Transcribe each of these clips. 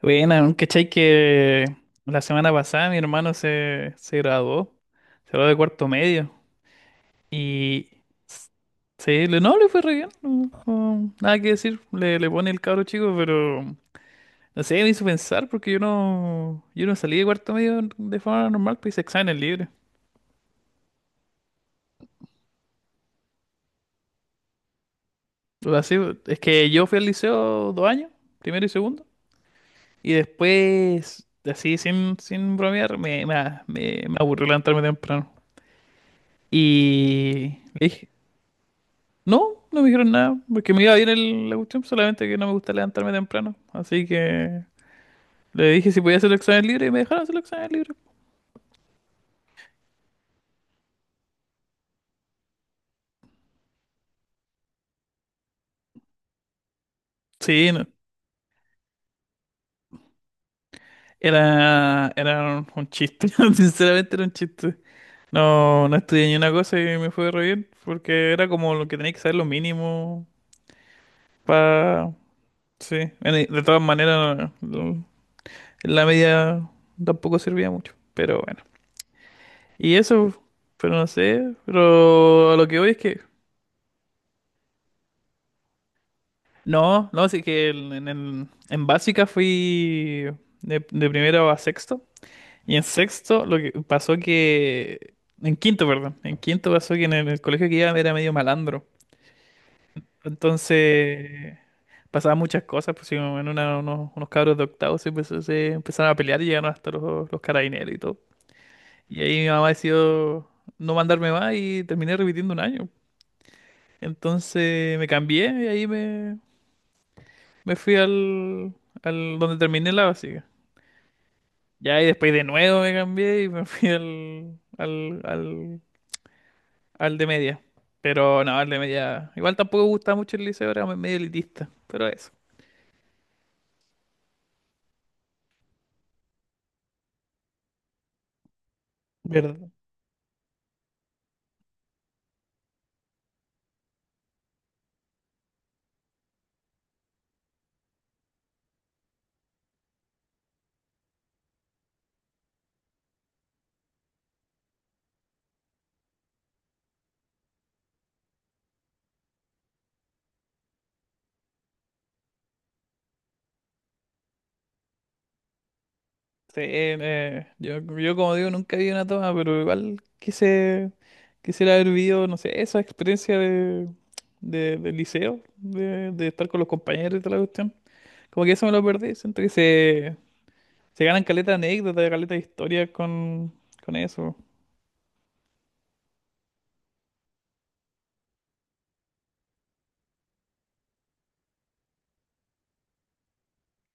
Bueno, ¿cachai que la semana pasada mi hermano se graduó? Se graduó de cuarto medio. Y s- no, le fue re bien. No, nada que decir. Le pone el cabro chico, pero no sé, me hizo pensar porque yo no salí de cuarto medio de forma normal, pues hice exámenes libres. O sea, sí, es que yo fui al liceo dos años, primero y segundo. Y después, así sin bromear, me aburrió levantarme temprano. Y le dije, no, no me dijeron nada, porque me iba bien la cuestión, solamente que no me gusta levantarme temprano. Así que le dije si podía hacer el examen libre y me dejaron hacer el examen libre. Sí, no, un chiste, sinceramente era un chiste. No, no estudié ni una cosa y me fue re bien, porque era como lo que tenía que saber lo mínimo para... Sí, bueno, y de todas maneras, la media tampoco servía mucho, pero bueno. Y eso, pero no sé, pero a lo que voy es que... No, no, así que en básica fui de primero a sexto. Y en sexto lo que pasó que... En quinto, perdón. En quinto pasó que en el colegio que iba era medio malandro. Entonces pasaban muchas cosas, pues sí, como en unos cabros de octavo se empezaron a pelear y llegaron hasta los carabineros y todo. Y ahí mi mamá decidió no mandarme más y terminé repitiendo un año. Entonces me cambié y ahí me, me fui al, al donde terminé la básica. Ya, y después de nuevo me cambié y me fui al de media. Pero no, al de media. Igual tampoco me gusta mucho el liceo, era medio elitista. Pero eso. ¿Verdad? Sí, yo como digo, nunca vi una toma, pero igual quisiera haber vivido, no sé, esa experiencia del liceo, de estar con los compañeros y toda la cuestión. Como que eso me lo perdí, siento que se ganan caleta de anécdotas, caleta de historias con eso.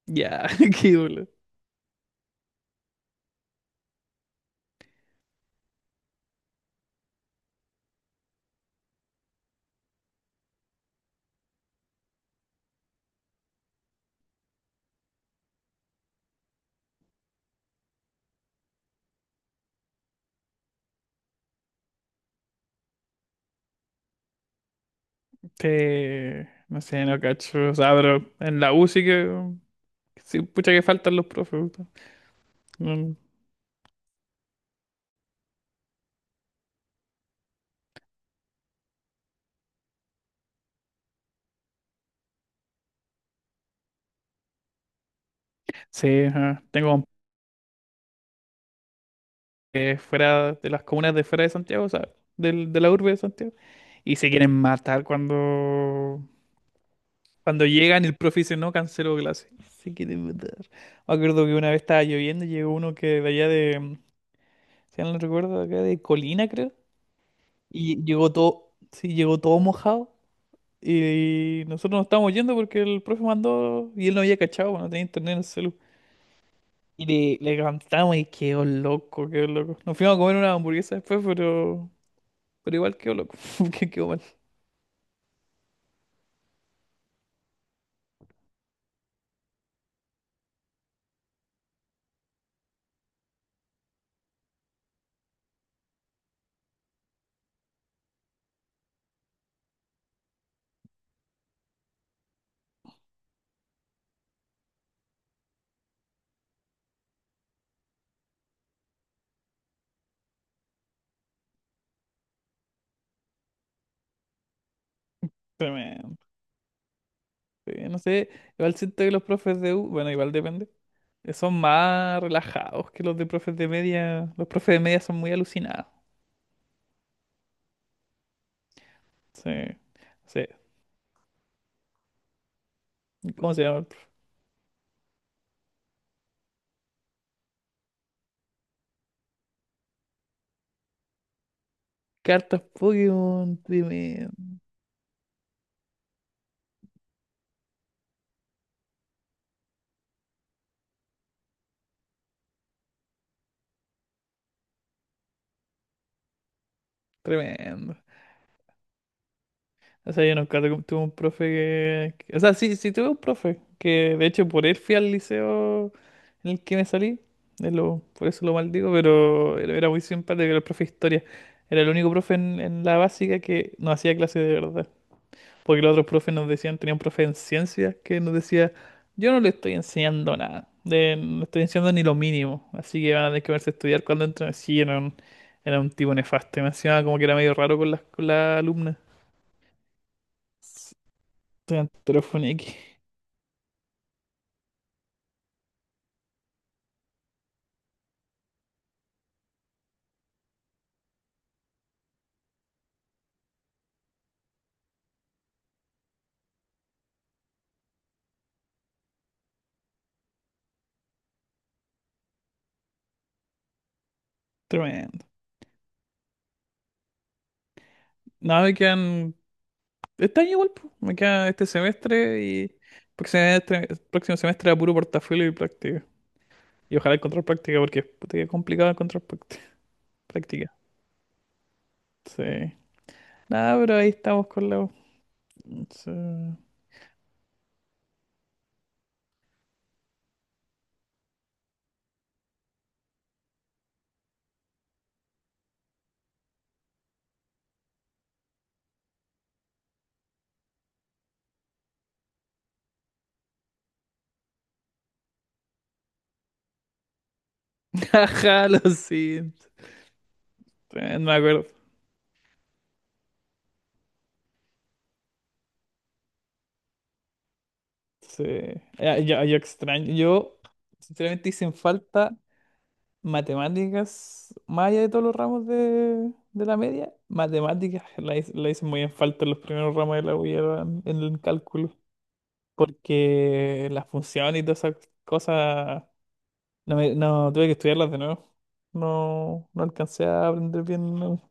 Ya, qué duro. No sé, no cacho. O sea, pero en la U sí que. Sí, pucha que faltan los profes. Puta. Mm, sí, ajá. Que fuera de las comunas de fuera de Santiago, o sea, de la urbe de Santiago. Y se quieren matar cuando. Cuando llegan, el profe dice, no, canceló clase. Se quieren matar. Me acuerdo que una vez estaba lloviendo y llegó uno que de allá de. Si no recuerdo, acá de Colina, creo. Y llegó todo, sí, llegó todo mojado. Y nosotros nos estábamos yendo porque el profe mandó y él no había cachado, no tenía internet en el celu. Y le cantamos y quedó loco, quedó loco. Nos fuimos a comer una hamburguesa después, pero igual quedó loco, porque quedó mal. Tremendo. Sí, no sé, igual siento que los profes de U, bueno, igual depende, son más relajados que los de profes de media. Los profes de media son muy alucinados. Sí, no sé, ¿cómo se llama el profe? Cartas Pokémon, tremendo. Tremendo. O sea, yo nunca tuve un profe que... que... O sea, sí, sí tuve un profe, que de hecho por él fui al liceo en el que me salí, por eso lo maldigo, pero era muy simpático, era el profe de historia. Era el único profe en la básica que nos hacía clase de verdad. Porque los otros profes nos decían, tenía un profe en ciencias que nos decía, yo no le estoy enseñando nada, no le estoy enseñando ni lo mínimo, así que van a tener que verse a estudiar cuando entren. Sí, era un tipo nefasto, y me encima como que era medio raro con las, con la alumna. Estudiante de telefonía. Tremendo. No, me quedan. Este año igual, po. Me queda este semestre y. Próximo próximo semestre a puro portafolio y práctica. Y ojalá encontrar práctica porque puta que es complicado encontrar práctica. Práctica. Sí. Nada, pero ahí estamos con la U. Sí. Ajá, lo siento. Tremendo, me acuerdo. Sí. Ya, yo extraño. Yo, sinceramente, hice en falta. Matemáticas, más allá de todos los ramos de la media, matemáticas la hice muy en falta en los primeros ramos de la U y era en el cálculo, porque las funciones y todas esas cosas, no, no tuve que estudiarlas de nuevo. No, no alcancé a aprender bien no,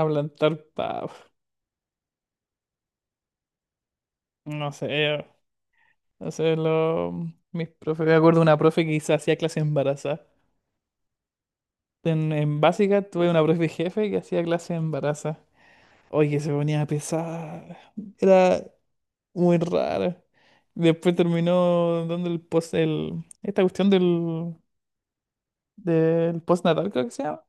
a plantar, no sé, no sé, lo, mis profes, me acuerdo de una profe hacía clase embarazada. En básica tuve una profe jefe que hacía clase embarazada. Oye, se ponía pesada. Era muy rara. Después terminó dando el post, el, esta cuestión del, del postnatal creo que se llama.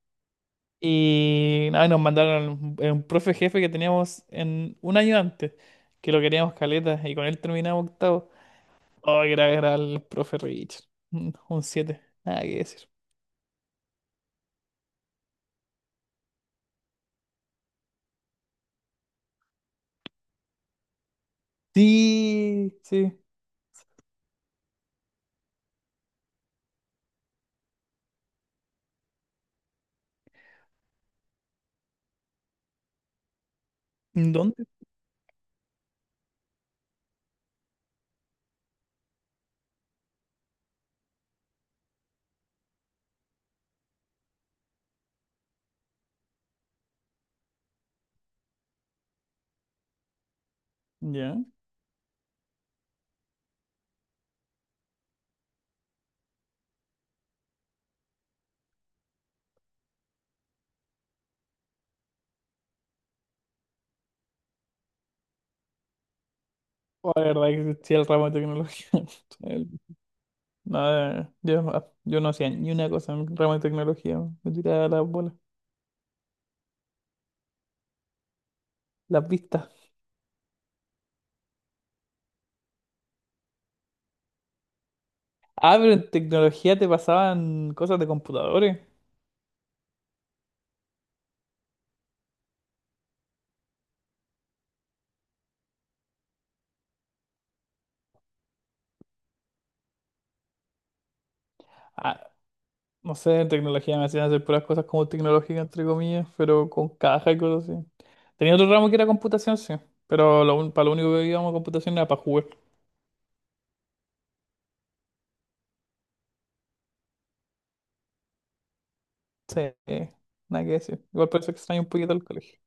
Y nada, nos mandaron a un profe jefe que teníamos en un año antes, que lo queríamos caleta, y con él terminamos octavo. Oh, era, era el profe Richard. Mm, un siete, nada que decir. Sí, sí. ¿Dónde? Ya. Oh, la verdad que sí, el ramo de tecnología. No, yo no hacía ni una cosa en ramo de tecnología, me tiraba las bolas, las vistas. Ah, pero en tecnología te pasaban cosas de computadores. Ah, no sé, en tecnología me hacían hacer puras cosas como tecnológicas, entre comillas, pero con caja y cosas así. Tenía otro ramo que era computación, sí, pero lo, para lo único que íbamos a computación era para jugar. Sí, nada que decir. Igual por eso extraño un poquito el colegio.